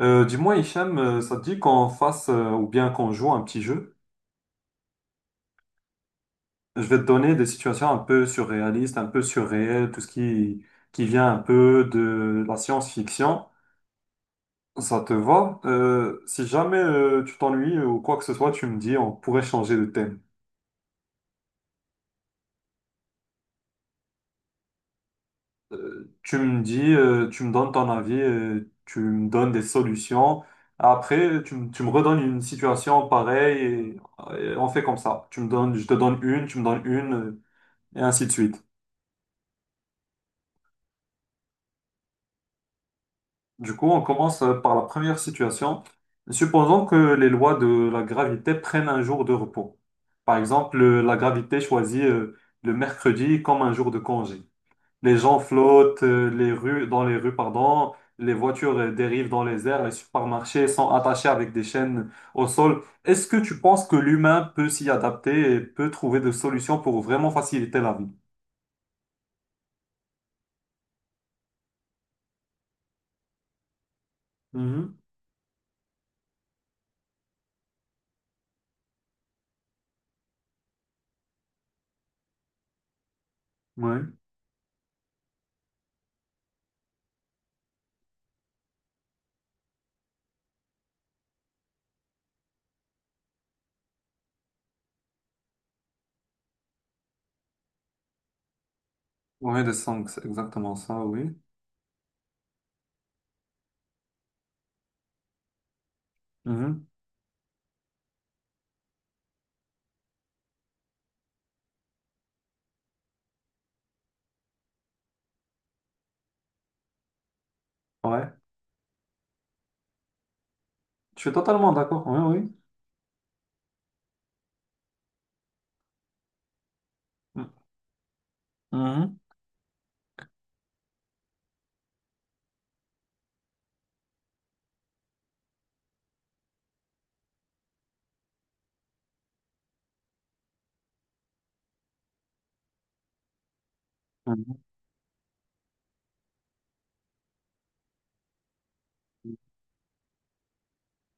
Dis-moi, Hicham, ça te dit qu'on fasse ou bien qu'on joue un petit jeu? Je vais te donner des situations un peu surréalistes, un peu surréelles, tout ce qui vient un peu de la science-fiction. Ça te va? Si jamais tu t'ennuies ou quoi que ce soit, tu me dis, on pourrait changer de thème. Tu me donnes ton avis, tu me donnes des solutions. Après, tu me redonnes une situation pareille et on fait comme ça. Tu me donnes, je te donne une, tu me donnes une, et ainsi de suite. Du coup, on commence par la première situation. Supposons que les lois de la gravité prennent un jour de repos. Par exemple, la gravité choisit le mercredi comme un jour de congé. Les gens flottent dans les rues, pardon, les voitures dérivent dans les airs, les supermarchés sont attachés avec des chaînes au sol. Est-ce que tu penses que l'humain peut s'y adapter et peut trouver des solutions pour vraiment faciliter la vie? Mhm. Oui. Ouais, des sangs, c'est exactement ça, oui. Mhm. Ouais. Je suis totalement d'accord, oui, oui. Mhm. Mhm.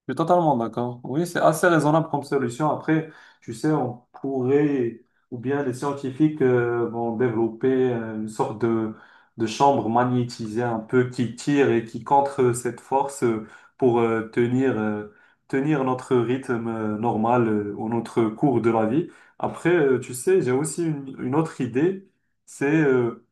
Je suis totalement d'accord. Oui, c'est assez raisonnable comme solution. Après, tu sais, ou bien les scientifiques vont développer une sorte de chambre magnétisée un peu qui tire et qui contre cette force pour tenir notre rythme normal ou notre cours de la vie. Après, tu sais, j'ai aussi une autre idée, c'est euh,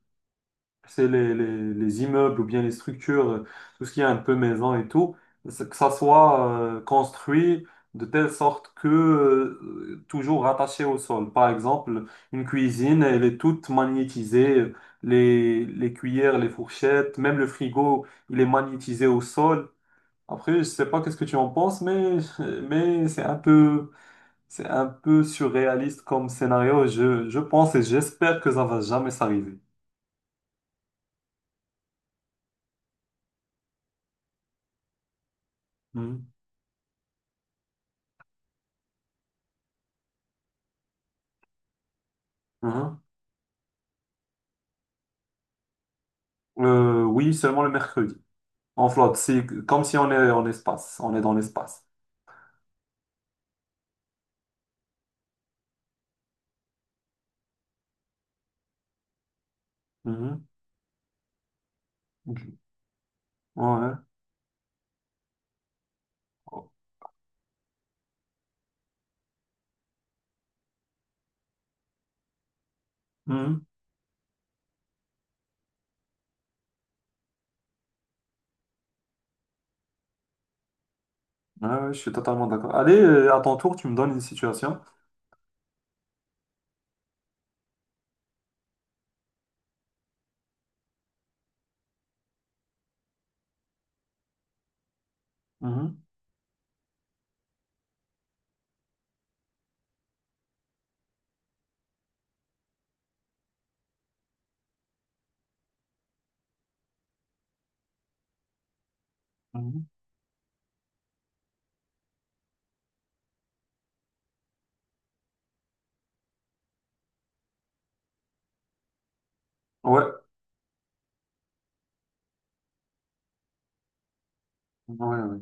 c'est les immeubles ou bien les structures, tout ce qui est un peu maison et tout, c'est que ça soit construit de telle sorte que toujours rattaché au sol. Par exemple, une cuisine, elle est toute magnétisée, les cuillères, les fourchettes, même le frigo, il est magnétisé au sol. Après, je sais pas qu'est-ce que tu en penses, mais, mais c'est un peu surréaliste comme scénario. Je pense et j'espère que ça va jamais s'arriver. Mhm. Mhm. Oui, seulement le mercredi. En flotte, c'est comme si on est en espace. On est dans l'espace. Mhm. Ok. Ouais. Mhm. Ouais, ouais, je suis totalement d'accord. Allez, à ton tour, tu me donnes une situation. Mhm. Mhm. Ouais. Ouais, ouais.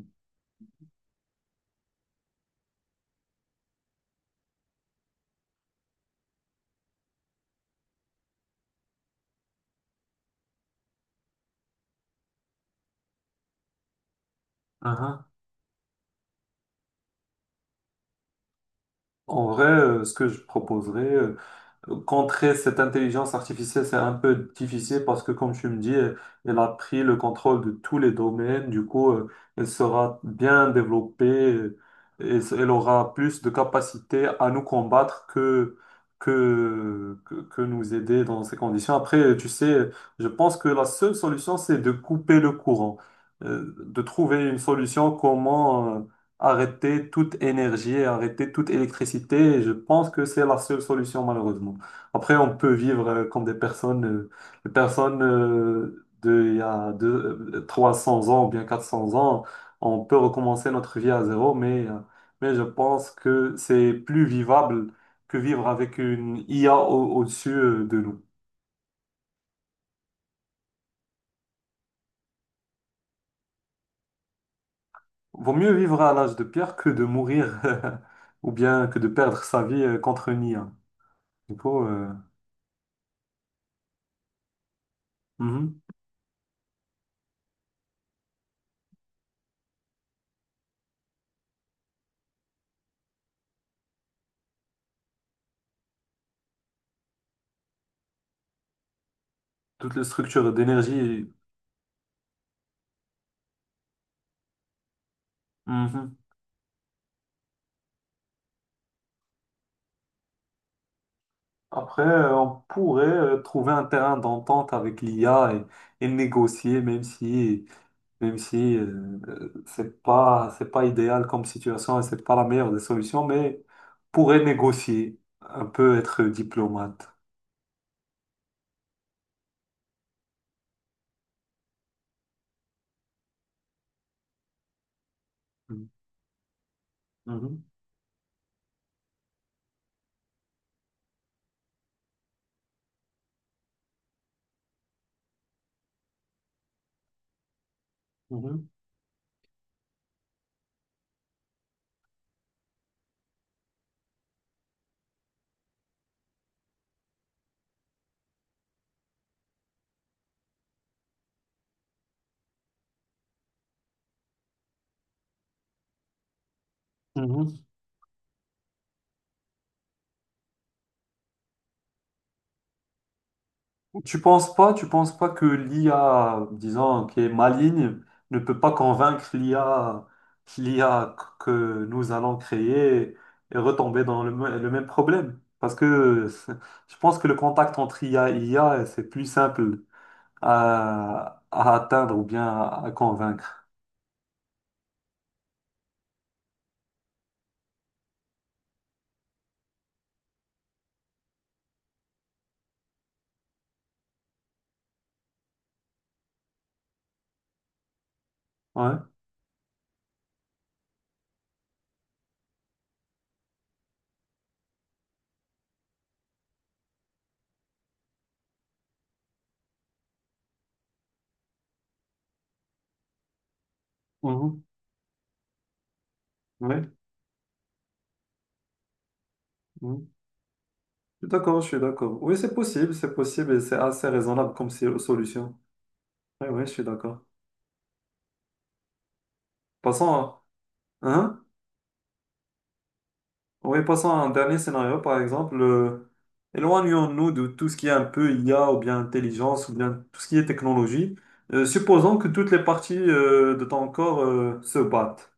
Mhm. En vrai, ce que je proposerais, contrer cette intelligence artificielle, c'est un peu difficile parce que, comme tu me dis, elle a pris le contrôle de tous les domaines. Du coup, elle sera bien développée euh, et elle aura plus de capacité à nous combattre que nous aider dans ces conditions. Après, tu sais, je pense que la seule solution, c'est de couper le courant, de trouver une solution comment arrêter toute énergie, arrêter toute électricité. Et je pense que c'est la seule solution, malheureusement. Après, on peut vivre comme des personnes, de, il y a 300 ans ou bien 400 ans. On peut recommencer notre vie à zéro, mais je pense que c'est plus vivable que vivre avec une IA au-dessus de nous. Vaut mieux vivre à l'âge de pierre que de mourir ou bien que de perdre sa vie contre une IA. Du coup. Mhm. Toute la structure d'énergie. Mhm. Après, on pourrait trouver un terrain d'entente avec l'IA et négocier, même si c'est pas idéal comme situation et c'est pas la meilleure des solutions, mais pourrait négocier, un peu être diplomate. Mhm. Mhm. Mhm. Mhm. Tu penses pas que l'IA, disons, qui est maligne, ne peut pas convaincre l'IA, l'IA que nous allons créer et retomber dans le même problème? Je pense que le contact entre IA et IA, c'est plus simple à atteindre ou bien à convaincre. Ouais. Mhm. Ouais. Mhm. Je suis d'accord, je suis d'accord. Oui, c'est possible et c'est assez raisonnable comme solution. Oui, oui, je suis d'accord. Passons à, hein, hein? Oui, passons à un dernier scénario, par exemple. Éloignons-nous de tout ce qui est un peu IA ou bien intelligence ou bien tout ce qui est technologie. Supposons que toutes les parties de ton corps se battent.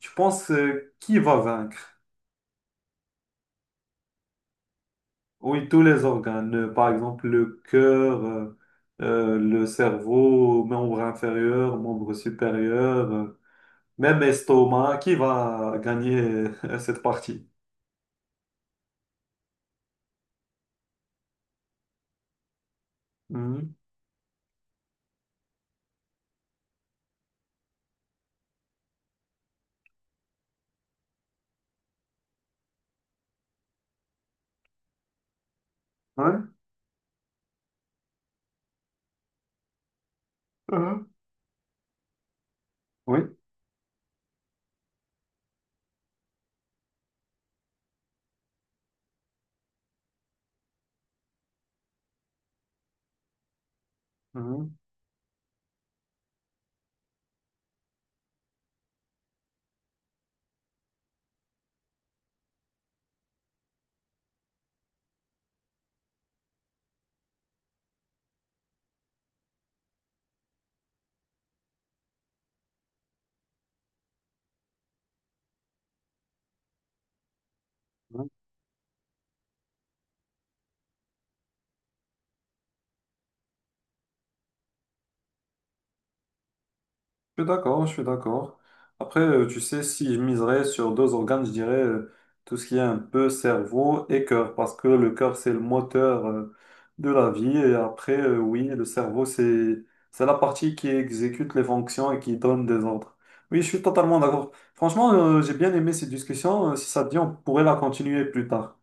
Tu penses qui va vaincre? Oui, tous les organes, par exemple le cœur, le cerveau, membre inférieur, membre supérieur, même estomac. Qui va gagner cette partie? Mhm. Ouais. Mhm. Oui. Mhm. Je suis d'accord, je suis d'accord. Après, tu sais, si je miserais sur deux organes, je dirais tout ce qui est un peu cerveau et cœur, parce que le cœur, c'est le moteur de la vie. Et après, oui, le cerveau, c'est la partie qui exécute les fonctions et qui donne des ordres. Oui, je suis totalement d'accord. Franchement, j'ai bien aimé cette discussion. Si ça te dit, on pourrait la continuer plus tard.